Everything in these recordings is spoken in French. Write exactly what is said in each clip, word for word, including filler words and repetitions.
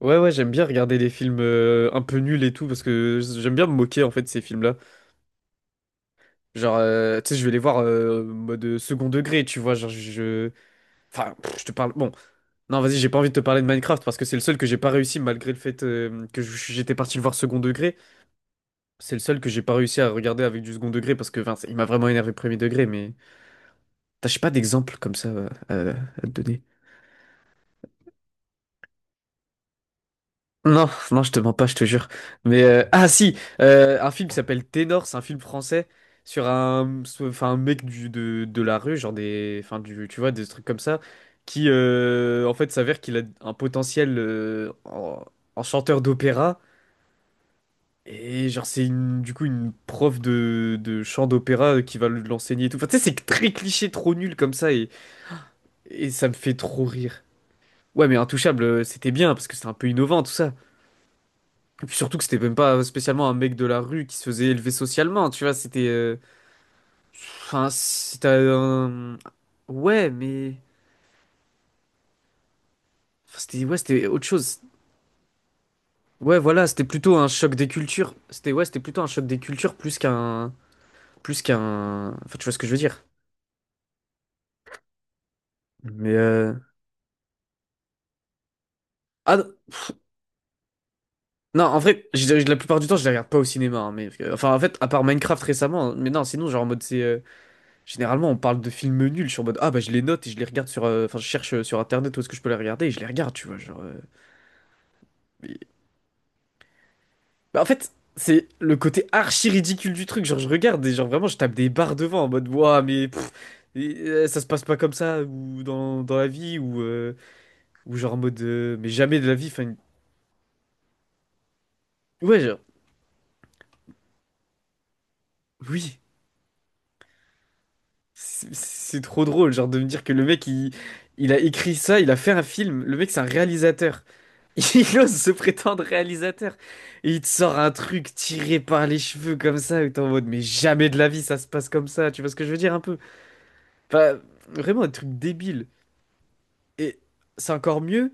Ouais, ouais, j'aime bien regarder les films euh, un peu nuls et tout, parce que j'aime bien me moquer en fait de ces films-là. Genre, euh, tu sais, je vais les voir euh, mode euh, second degré, tu vois. Genre, je. Enfin, pff, je te parle. Bon, non, vas-y, j'ai pas envie de te parler de Minecraft parce que c'est le seul que j'ai pas réussi malgré le fait euh, que je- j'étais parti le voir second degré. C'est le seul que j'ai pas réussi à regarder avec du second degré parce que, enfin, il m'a vraiment énervé premier degré, mais. T'as, j'ai pas d'exemple comme ça euh, à à te donner. Non, non, je te mens pas, je te jure. Mais euh, ah si, euh, un film qui s'appelle Ténor, c'est un film français sur un, sur- enfin un mec du de, de la rue, genre des, enfin du, tu vois, des trucs comme ça, qui euh, en fait s'avère qu'il a un potentiel euh, en, en chanteur d'opéra et genre c'est une, du coup une prof de, de chant d'opéra euh, qui va le- l'enseigner et tout. Enfin tu sais, c'est très cliché, trop nul comme ça et et ça me fait trop rire. Ouais, mais Intouchable, euh, c'était bien parce que c'était un peu innovant tout ça. Et puis surtout que c'était même pas spécialement un mec de la rue qui se faisait élever socialement, tu vois, c'était, euh, enfin, c'était un. Ouais, mais, enfin, c'était, ouais, c'était autre chose. Ouais, voilà, c'était plutôt un choc des cultures. C'était, ouais, c'était plutôt un choc des cultures plus qu'un. Plus qu'un. Enfin, tu vois ce que je veux dire. Mais, euh, ah, non, pff, non, en vrai, je- je- la plupart du temps, je les regarde pas au cinéma, hein, mais, euh, enfin, en fait, à part Minecraft récemment, mais non, sinon, genre en mode c'est, euh, généralement, on parle de films nuls, je suis en mode, ah bah je les note et je les regarde sur, euh, enfin, je cherche euh, sur Internet où est-ce que je peux les regarder et je les regarde, tu vois, genre, euh, mais- bah, en fait, c'est le côté archi ridicule du truc, genre je regarde et genre vraiment je tape des barres devant en mode, ouah, mais, pff, et, euh, ça se passe pas comme ça ou dans, dans la vie ou, euh, ou genre en mode, euh, mais jamais de la vie, enfin. Ouais, genre, oui, c'est c'est trop drôle, genre de me dire que le mec, il, il a écrit ça, il a fait un film, le mec c'est un réalisateur. Il ose se prétendre réalisateur. Et il te sort un truc tiré par les cheveux comme ça, et t'es en mode, mais jamais de la vie ça se passe comme ça, tu vois ce que je veux dire un peu? Enfin, vraiment un truc débile. Et c'est encore mieux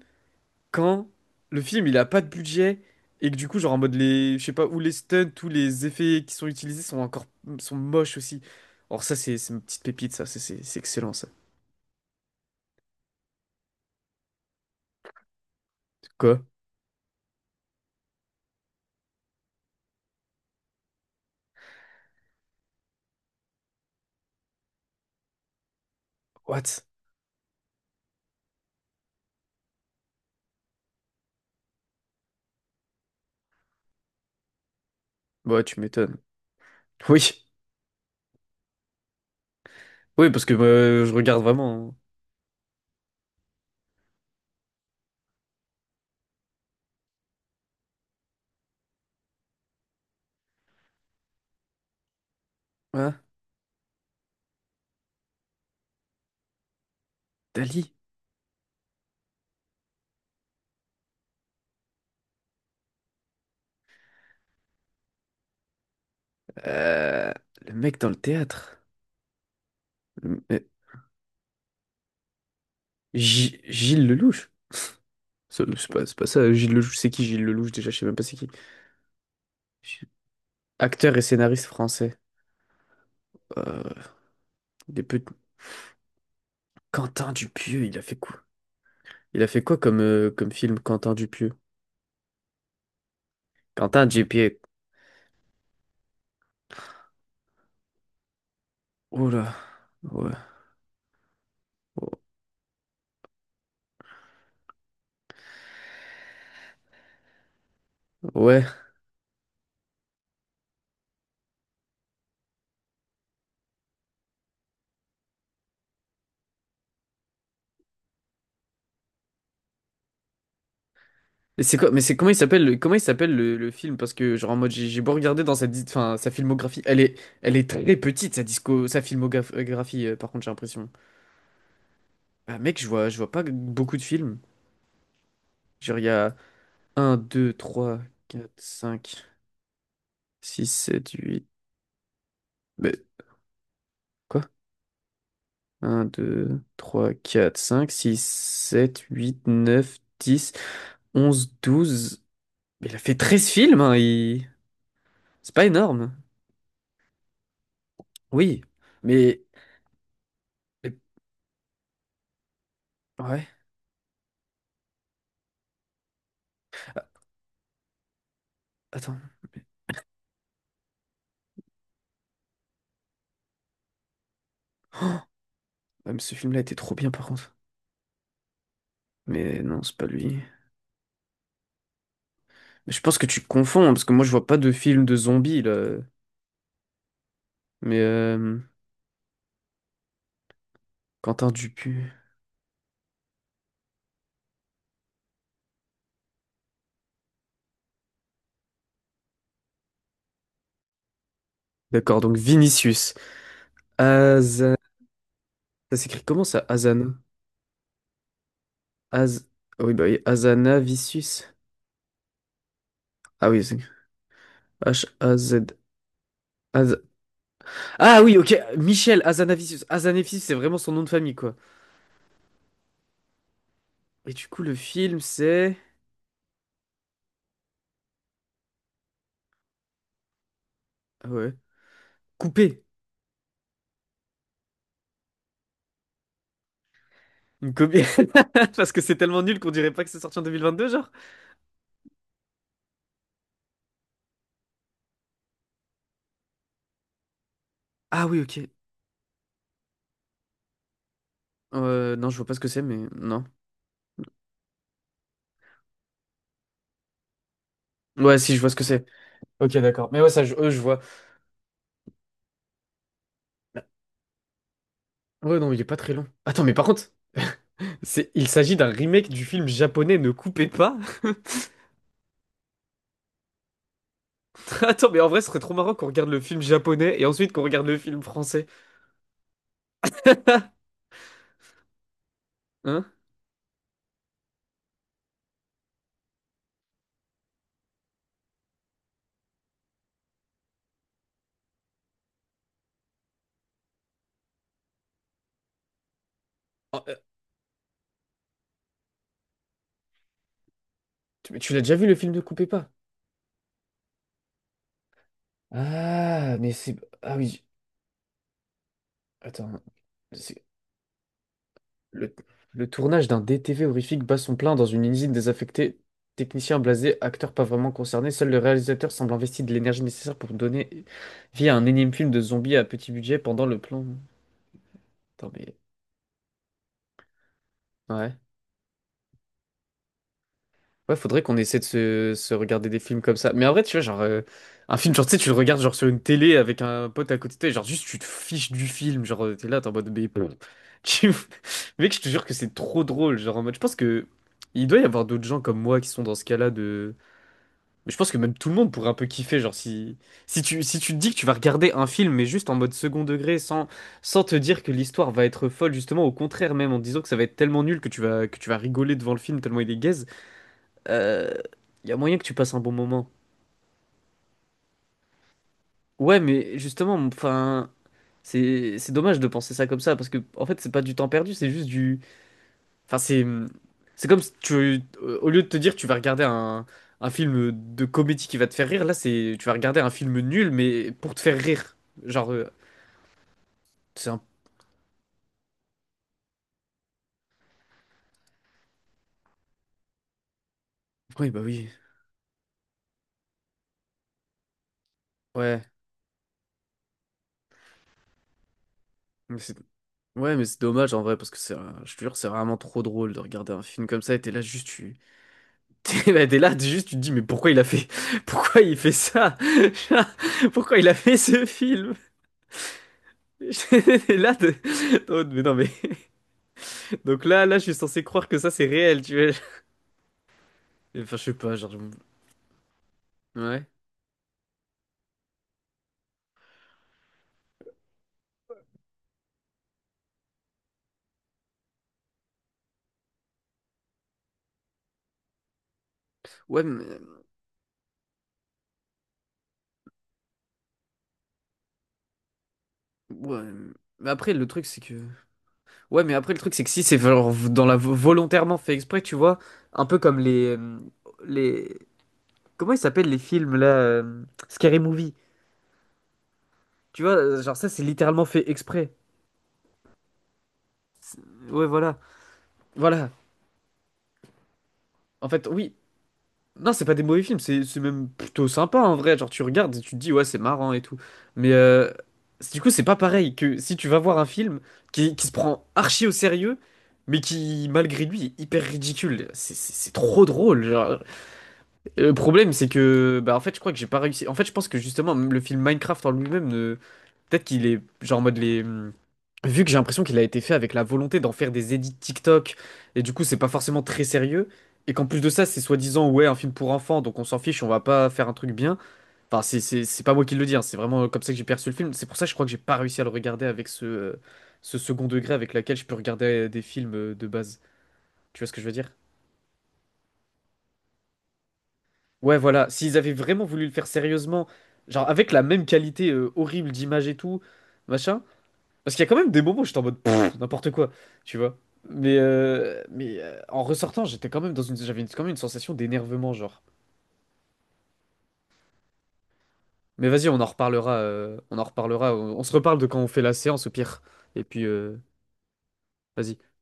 quand le film il a pas de budget, et que du coup, genre en mode les, je sais pas, ou les stunts, tous les effets qui sont utilisés sont encore, sont moches aussi. Or ça, c'est c'est une petite pépite, ça, c'est c'est- c'est excellent ça. Quoi? What? Bah, ouais, tu m'étonnes. Oui, oui, parce que euh, je regarde vraiment. Hein. Hein. Dali. Euh, le mec dans le théâtre. Le- euh, Gi- Gilles Lelouch. C'est c'est pas, c'est pas ça, Gilles Lelouch. C'est qui Gilles Lelouch déjà? Je sais même pas c'est qui. Gi- Acteur et scénariste français. Euh, des peu... Quentin Dupieux, il a fait quoi? Il a fait quoi comme, euh, comme film Quentin Dupieux? Quentin Dupieux. Oh là. Ouais. Oh. Ouais. Mais c'est quoi? Mais c'est comment il s'appelle le, comment il s'appelle le, le film? Parce que genre en mode j'ai j'ai beau regarder dans sa dis- enfin, sa filmographie, elle est elle est très petite sa disco sa filmographie euh, par contre j'ai l'impression. Bah, mec, je vois, je vois pas beaucoup de films. Genre, il y a un, deux, trois, quatre, cinq, six, sept, huit. Mais quoi? Un, deux, trois, quatre, cinq, six, sept, huit, neuf, dix, onze, douze. Mais il a fait treize films, hein, il- c'est pas énorme. Oui, mais, mais- ouais, attends. Ouais, mais ce film-là était trop bien, par contre. Mais non, c'est pas lui. Mais je pense que tu confonds, hein, parce que moi, je vois pas de film de zombies, là. Mais euh, Quentin Dupieux. D'accord, donc Vinicius. Aza. Ça s'écrit comment ça? Azana. Az. Ah oui, bah oui, Azana Vicius. Ah oui, c'est H-A-Z. Az- Ah oui, ok, Michel Azanavicius. Azanavicius, c'est vraiment son nom de famille, quoi. Et du coup, le film, c'est. Ah ouais. Coupé. Une copie. Parce que c'est tellement nul qu'on dirait pas que c'est sorti en deux mille vingt-deux, genre. Ah oui, ok. Euh, non, je vois pas ce que c'est, mais non. Ouais, si, je vois ce que c'est. Ok, d'accord. Mais ouais, ça, je, euh, je vois. Ouais, non, il est pas très long. Attends, mais par contre, C'est- il s'agit d'un remake du film japonais Ne coupez pas. Attends, mais en vrai, ce serait trop marrant qu'on regarde le film japonais et ensuite qu'on regarde le film français. Hein? Oh, euh, tu mais tu l'as déjà vu le film Ne coupez pas? Ah, mais c'est. Ah oui, attends. C'est le, le tournage d'un D T V horrifique bat son plein dans une usine désaffectée. Technicien blasé, acteur pas vraiment concerné, seul le réalisateur semble investi de l'énergie nécessaire pour donner vie à un énième film de zombies à petit budget pendant le plan. Attends, mais. Ouais. Ouais, faudrait qu'on essaie de se, se regarder des films comme ça. Mais en vrai, tu vois, genre, euh, un film, genre, tu sais, tu le regardes, genre, sur une télé avec un pote à côté de toi, et genre, juste, tu te fiches du film, genre, euh, t'es là, t'es en mode, mais, pff, tu. Mec, je te jure que c'est trop drôle, genre, en mode, je pense que, il doit y avoir d'autres gens comme moi qui sont dans ce cas-là de. Mais je pense que même tout le monde pourrait un peu kiffer, genre, si, si tu, si tu te dis que tu vas regarder un film, mais juste en mode second degré, sans, sans te dire que l'histoire va être folle, justement, au contraire, même, en te disant que ça va être tellement nul que tu vas, que tu vas rigoler devant le film tellement il est gaze il y a moyen que tu passes un bon moment. Ouais, mais justement, enfin, c'est c'est dommage de penser ça comme ça parce que en fait, c'est pas du temps perdu, c'est juste du, enfin, c'est c'est comme si tu, euh, au lieu de te dire tu vas regarder un un film de comédie qui va te faire rire, là, c'est tu vas regarder un film nul mais pour te faire rire. Genre, euh, c'est un, oui, bah oui, ouais, mais c'est, ouais, mais c'est dommage en vrai parce que c'est, un- je te jure, c'est vraiment trop drôle de regarder un film comme ça et t'es là juste tu. T'es bah, t'es là, t'es juste, tu te dis, mais pourquoi il a fait, pourquoi il fait ça? Pourquoi il a fait ce film? T'es là, t'es- oh, mais non, mais. Donc là, là, je suis censé croire que ça, c'est réel, tu vois. Enfin, je sais pas, genre. je- Ouais. Ouais, mais. Ouais. Mais après, le truc, c'est que. Ouais, mais après, le truc, c'est que si c'est genre dans la volontairement fait exprès, tu vois, un peu comme les, euh, les. Comment ils s'appellent les films, là? euh, Scary Movie. Tu vois, euh, genre, ça, c'est littéralement fait exprès. C'est- Ouais, voilà. Voilà, en fait, oui. Non, c'est pas des mauvais films, c'est c'est même plutôt sympa en vrai. Genre, tu regardes et tu te dis, ouais, c'est marrant et tout. Mais euh, du coup, c'est pas pareil que si tu vas voir un film qui, qui se prend archi au sérieux, mais qui, malgré lui, est hyper ridicule. C'est c'est- c'est trop drôle. Genre. Et le problème, c'est que, bah, en fait, je crois que j'ai pas réussi. En fait, je pense que justement, le film Minecraft en lui-même, ne- peut-être qu'il est genre en mode les, hmm, vu que j'ai l'impression qu'il a été fait avec la volonté d'en faire des edits TikTok, et du coup, c'est pas forcément très sérieux, et qu'en plus de ça, c'est soi-disant, ouais, un film pour enfants, donc on s'en fiche, on va pas faire un truc bien. Enfin, c'est c'est- c'est pas moi qui le dis, hein, c'est vraiment comme ça que j'ai perçu le film. C'est pour ça que je crois que j'ai pas réussi à le regarder avec ce, euh, ce second degré avec laquelle je peux regarder euh, des films euh, de base. Tu vois ce que je veux dire? Ouais, voilà, s'ils avaient vraiment voulu le faire sérieusement, genre avec la même qualité euh, horrible d'image et tout, machin. Parce qu'il y a quand même des moments où j'étais en mode, pff, n'importe quoi, tu vois. Mais, euh, mais euh, en ressortant, j'étais quand même dans une, j'avais une- quand même une sensation d'énervement, genre. Mais vas-y, on en reparlera, euh, on en reparlera, on, on se reparle de quand on fait la séance au pire. Et puis, euh, vas-y.